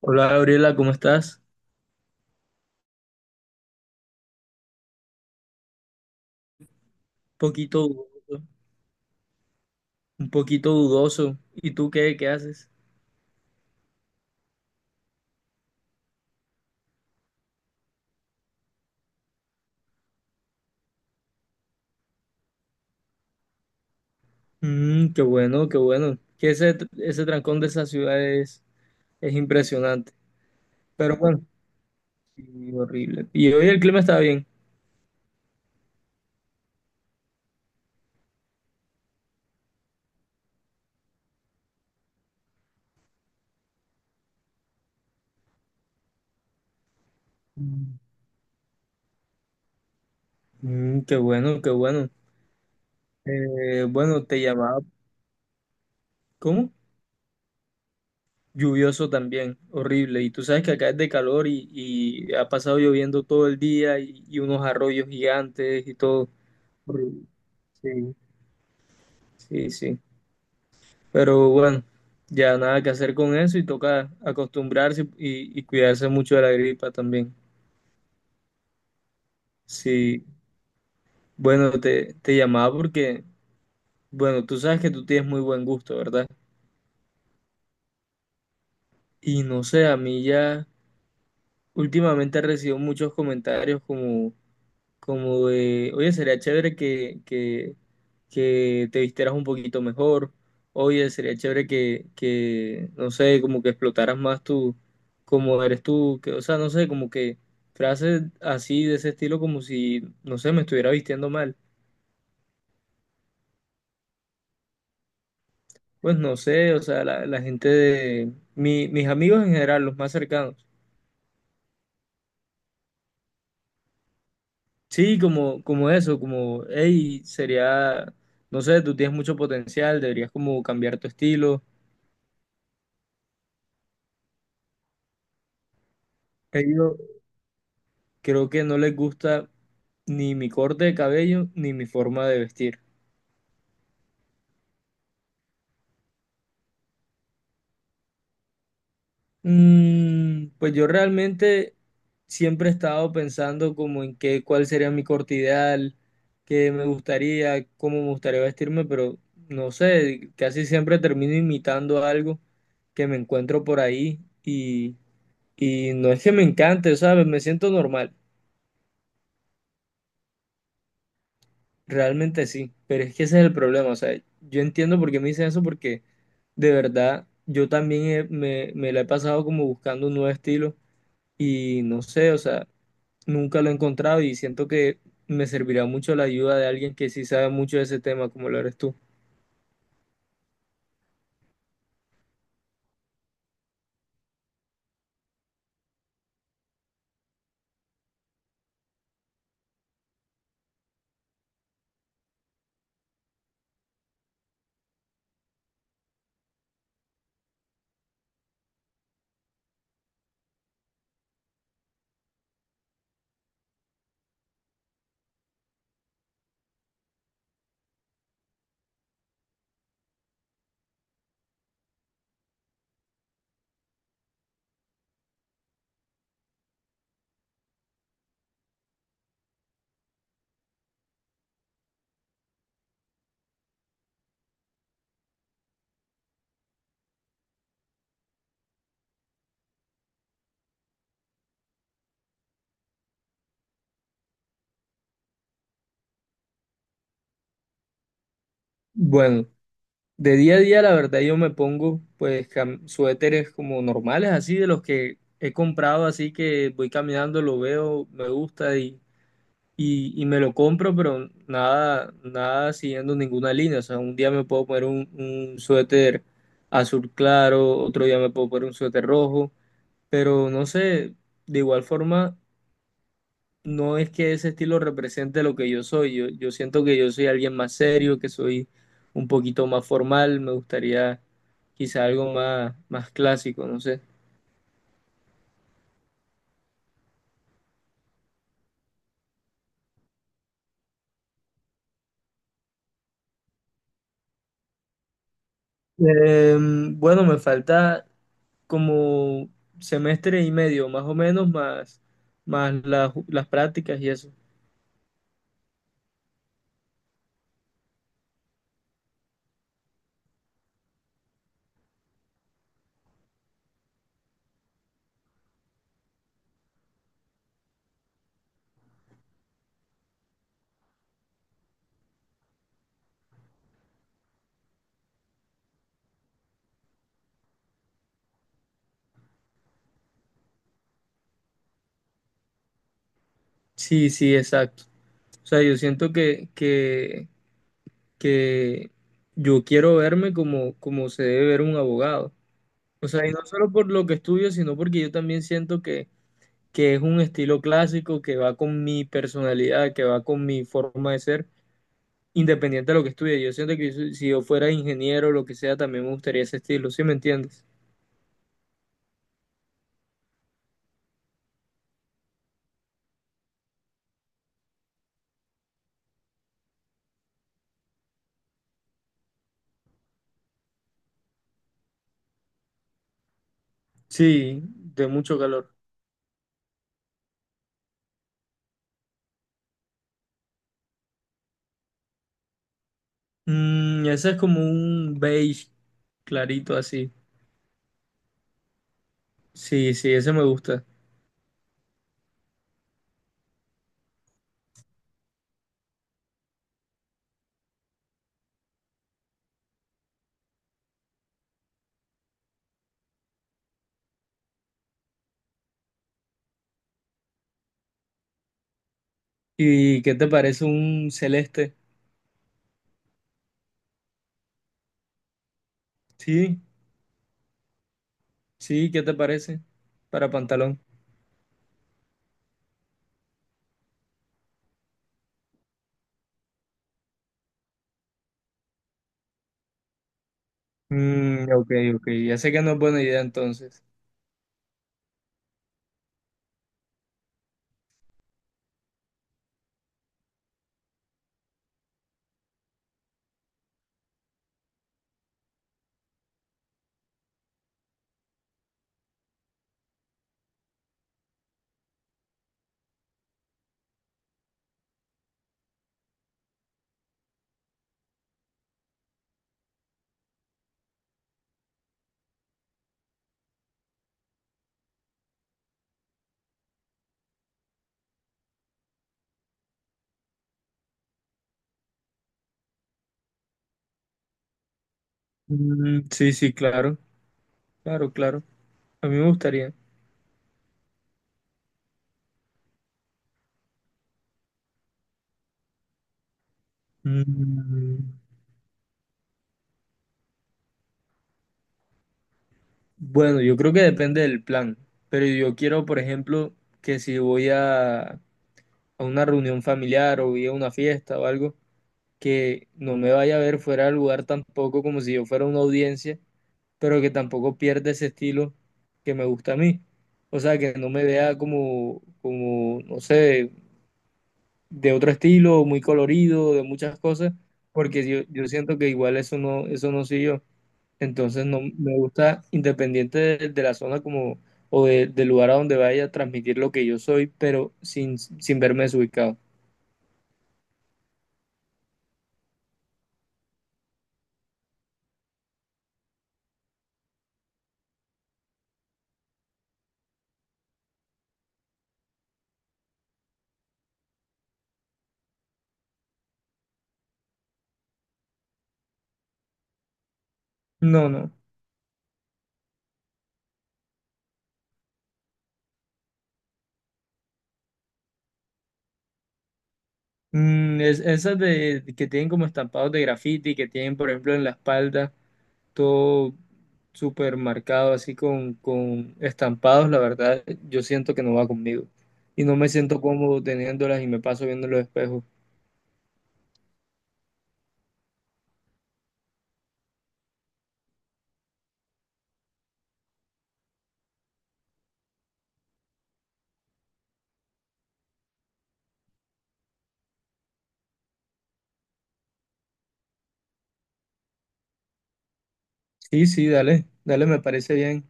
Hola, Gabriela, ¿cómo estás? Un poquito dudoso, un poquito dudoso. ¿Y tú qué haces? Qué bueno, qué bueno. Que ese trancón de esa es impresionante. Pero bueno, sí, horrible. Y hoy el clima está bien. Mm, Qué bueno, qué bueno. Bueno, te llamaba. ¿Cómo? Lluvioso también, horrible. Y tú sabes que acá es de calor y ha pasado lloviendo todo el día y unos arroyos gigantes y todo. Horrible. Sí, sí, sí. Pero bueno, ya nada que hacer con eso y toca acostumbrarse y cuidarse mucho de la gripa también. Sí, bueno, te llamaba porque, bueno, tú sabes que tú tienes muy buen gusto, ¿verdad? Y no sé, a mí ya últimamente he recibido muchos comentarios como... como de, oye, sería chévere que te vistieras un poquito mejor, oye, sería chévere no sé, como que explotaras más tú, como eres tú, que, o sea, no sé, como que frases así de ese estilo, como si, no sé, me estuviera vistiendo mal. Pues no sé, o sea, la gente de, mis amigos en general, los más cercanos. Sí, como, como eso, como, hey, sería, no sé, tú tienes mucho potencial, deberías como cambiar tu estilo. He ido- Creo que no les gusta ni mi corte de cabello ni mi forma de vestir. Pues yo realmente siempre he estado pensando como en qué, cuál sería mi corte ideal, qué me gustaría, cómo me gustaría vestirme, pero no sé, casi siempre termino imitando algo que me encuentro por ahí y no es que me encante, ¿sabes? Me siento normal. Realmente sí, pero es que ese es el problema, o sea, yo entiendo por qué me dicen eso porque de verdad yo también me la he pasado como buscando un nuevo estilo y no sé, o sea, nunca lo he encontrado y siento que me servirá mucho la ayuda de alguien que sí sabe mucho de ese tema como lo eres tú. Bueno, de día a día la verdad yo me pongo pues suéteres como normales, así de los que he comprado, así que voy caminando, lo veo, me gusta y me lo compro, pero nada, nada siguiendo ninguna línea. O sea, un día me puedo poner un suéter azul claro, otro día me puedo poner un suéter rojo, pero no sé, de igual forma, no es que ese estilo represente lo que yo soy. Yo siento que yo soy alguien más serio, que soy un poquito más formal, me gustaría quizá algo más, más clásico, no sé. Bueno, me falta como semestre y medio, más o menos, más, más las prácticas y eso. Sí, sí, exacto. O sea, yo siento que yo quiero verme como, como se debe ver un abogado. O sea, y no solo por lo que estudio, sino porque yo también siento que es un estilo clásico que va con mi personalidad, que va con mi forma de ser, independiente de lo que estudie. Yo siento que si yo fuera ingeniero o lo que sea, también me gustaría ese estilo, ¿sí me entiendes? Sí, de mucho calor. Mm, ese es como un beige clarito así. Sí, sí, ese me gusta. ¿Y qué te parece un celeste? Sí, sí, ¿qué te parece? Para pantalón. Mm, ok, ok, ya sé que no es buena idea entonces. Mm, sí, sí, claro, claro, claro. A mí me gustaría. Mm, bueno, yo creo que depende del plan, pero yo quiero, por ejemplo, que si voy a una reunión familiar o voy a una fiesta o algo, que no me vaya a ver fuera de lugar tampoco como si yo fuera una audiencia, pero que tampoco pierda ese estilo que me gusta a mí. O sea, que no me vea como, como, no sé, de otro estilo, muy colorido, de muchas cosas, porque yo siento que igual eso no soy yo. Entonces no me gusta, independiente de la zona como, del lugar a donde vaya, transmitir lo que yo soy, pero sin verme desubicado. No, no. Mm, esas de, que tienen como estampados de graffiti, que tienen, por ejemplo, en la espalda todo súper marcado, así con estampados, la verdad, yo siento que no va conmigo. Y no me siento cómodo teniéndolas y me paso viendo los espejos. Sí, sí, dale, dale, me parece bien.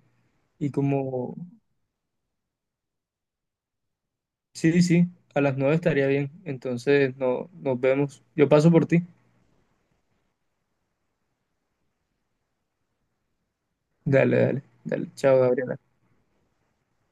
Y como, sí, sí, a las 9 estaría bien. Entonces, no, nos vemos. Yo paso por ti. Dale, dale, dale. Chao, Gabriela.